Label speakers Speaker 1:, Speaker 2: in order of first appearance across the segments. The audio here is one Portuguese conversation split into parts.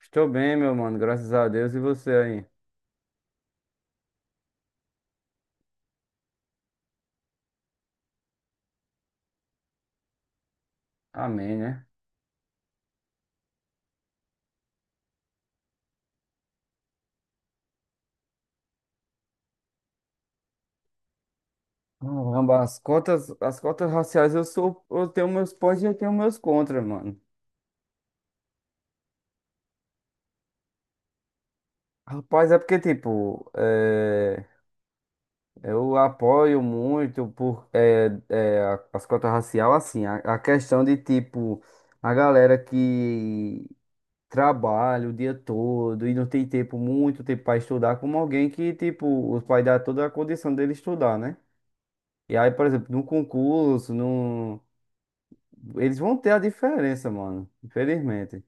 Speaker 1: Estou bem, meu mano, graças a Deus e você aí. Amém, né? Caramba, as cotas raciais eu tenho meus pós e eu tenho meus contras, mano. Rapaz, é porque, tipo, eu apoio muito por as cotas racial, assim, a questão de, tipo, a galera que trabalha o dia todo e não tem tempo, muito tempo para estudar, como alguém que, tipo, os pais dão toda a condição dele estudar, né? E aí, por exemplo, no concurso, num. Eles vão ter a diferença, mano. Infelizmente.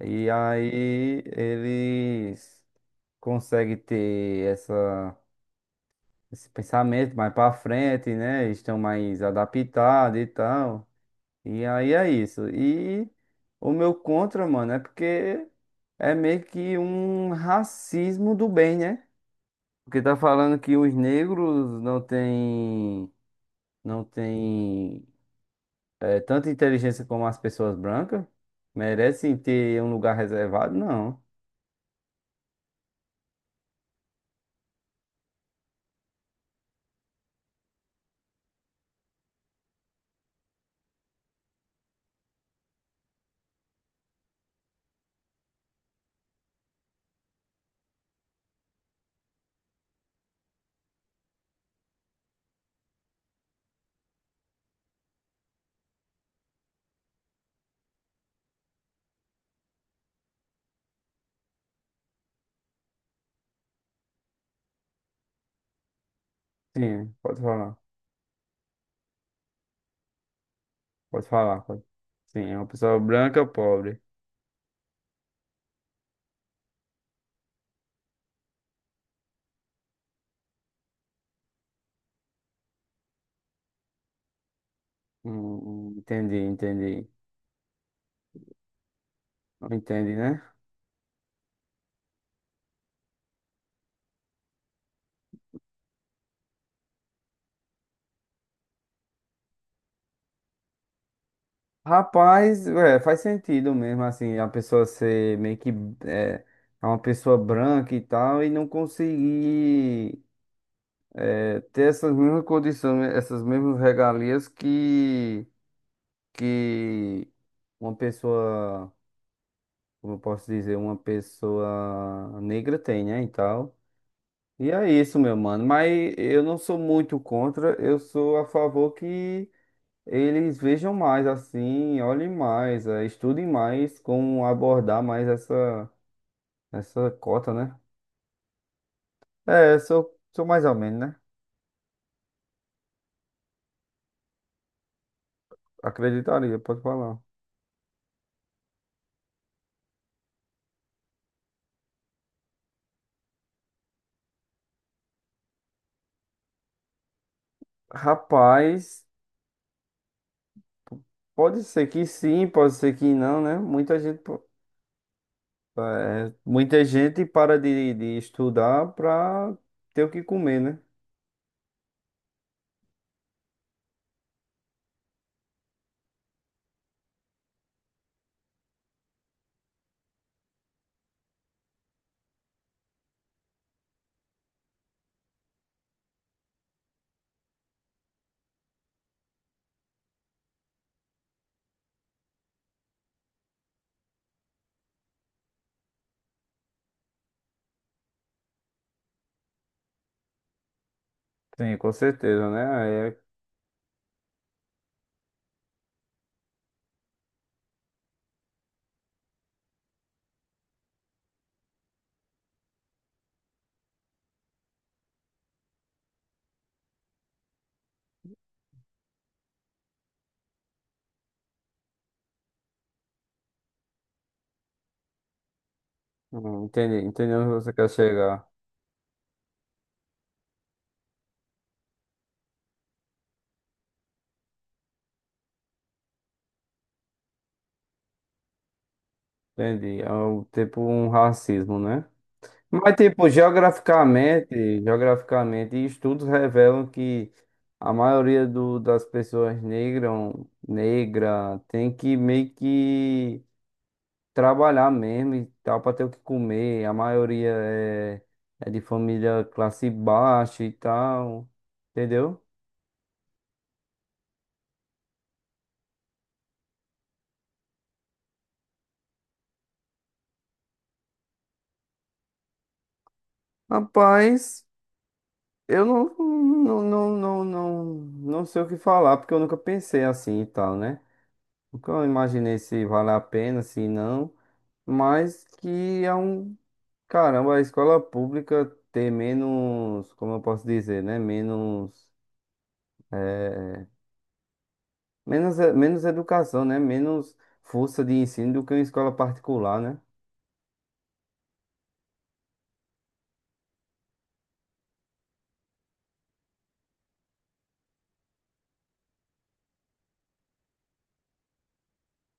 Speaker 1: E aí eles conseguem ter esse pensamento mais pra frente, né? Eles estão mais adaptados e tal. E aí é isso. E o meu contra, mano, é porque é meio que um racismo do bem, né? Porque tá falando que os negros não têm, tanto inteligência como as pessoas brancas merecem ter um lugar reservado? Não. Sim, pode falar. Pode falar. Pode. Sim, é uma pessoa branca pobre. Hum, entendi, entendi. Entendi, né? Rapaz, é, faz sentido mesmo, assim, a pessoa ser meio que é, é, uma pessoa branca e tal, e não conseguir ter essas mesmas condições, essas mesmas regalias que uma pessoa, como eu posso dizer, uma pessoa negra tem, né, e tal. E é isso, meu mano. Mas eu não sou muito contra, eu sou a favor que eles vejam mais assim, olhem mais, estudem mais como abordar mais essa cota, né? É, sou mais ou menos, né? Acreditaria, pode falar. Rapaz, pode ser que sim, pode ser que não, né? Muita gente para de estudar para ter o que comer, né? Sim, com certeza, né? É, entendi, entendi onde você quer chegar. Entendi. É um, tipo um racismo, né? Mas, tipo, geograficamente, geograficamente, estudos revelam que a maioria das pessoas negras, negra, tem que meio que trabalhar mesmo e tal, para ter o que comer. A maioria é de família classe baixa e tal, entendeu? Rapaz. Eu não, não, não, não, não, não sei o que falar, porque eu nunca pensei assim e tal, né? Nunca imaginei se vale a pena, se não. Mas que é um. Caramba, a escola pública ter menos. Como eu posso dizer, né? Menos. é, menos educação, né? Menos força de ensino do que uma escola particular, né?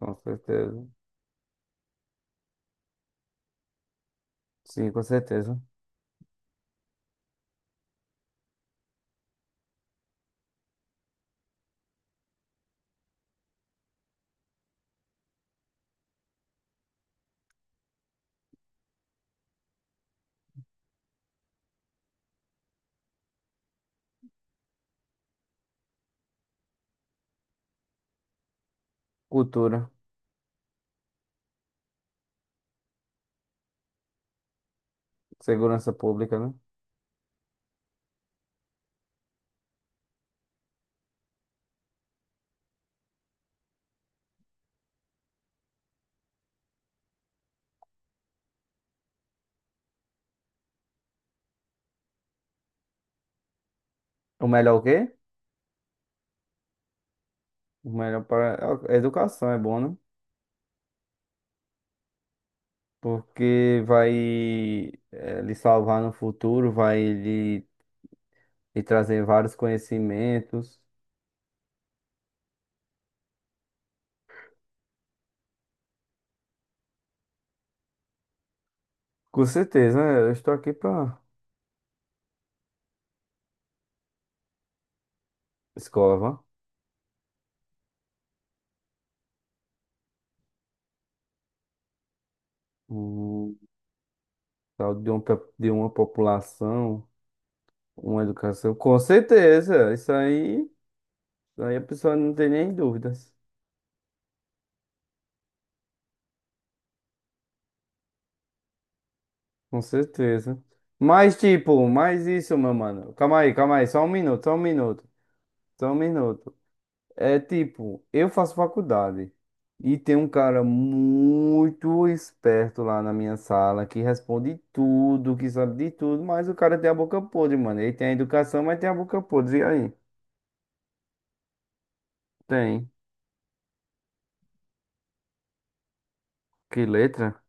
Speaker 1: Com certeza. Sim, com certeza. Cultura, segurança pública, né? O melhor o quê? O melhor para. A educação é bom, né? Porque vai lhe salvar no futuro, vai lhe trazer vários conhecimentos. Com certeza, né? Eu estou aqui para. Escova. Um, tal de, um, pe- De uma população. Uma educação. Com certeza, isso aí a pessoa não tem nem dúvidas. Com certeza. Mas, tipo, mais isso, meu mano. Calma aí, só um minuto, só um minuto, só um minuto. É tipo, eu faço faculdade e tem um cara muito esperto lá na minha sala que responde tudo, que sabe de tudo, mas o cara tem a boca podre, mano. Ele tem a educação, mas tem a boca podre. E aí? Tem. Que letra?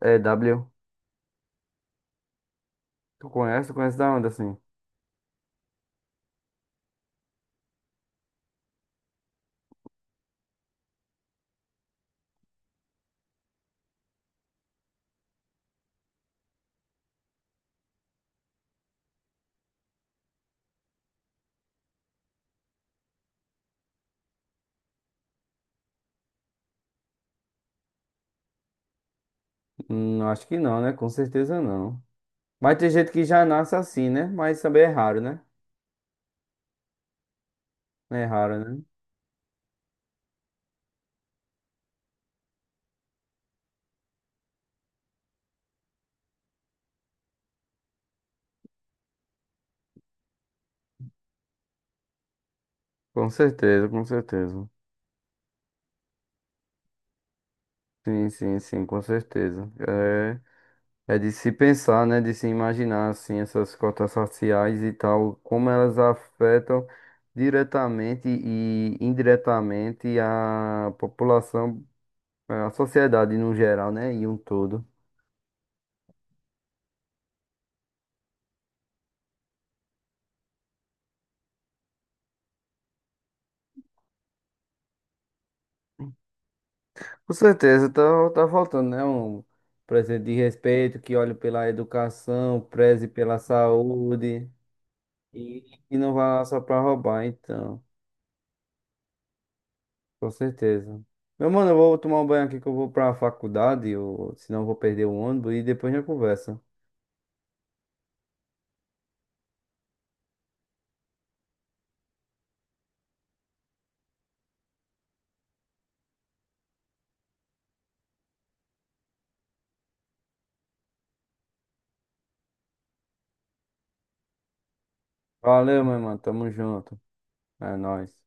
Speaker 1: É W. Tu conhece? Tu conhece da onde assim? Acho que não, né? Com certeza não. Mas tem gente que já nasce assim, né? Mas também é raro, né? É raro, né? Com certeza, com certeza. Sim, sim, sim, com certeza. É de se pensar, né? De se imaginar, assim, essas cotas raciais e tal, como elas afetam diretamente e indiretamente a população, a sociedade no geral, né? E um todo. Com certeza, tá faltando, né? Um presidente de respeito que olhe pela educação, preze pela saúde e não vá lá só pra roubar, então. Com certeza. Meu mano, eu vou tomar um banho aqui que eu vou pra faculdade, ou, senão eu vou perder o ônibus e depois a gente conversa. Valeu, meu mano. Tamo junto. É nóis.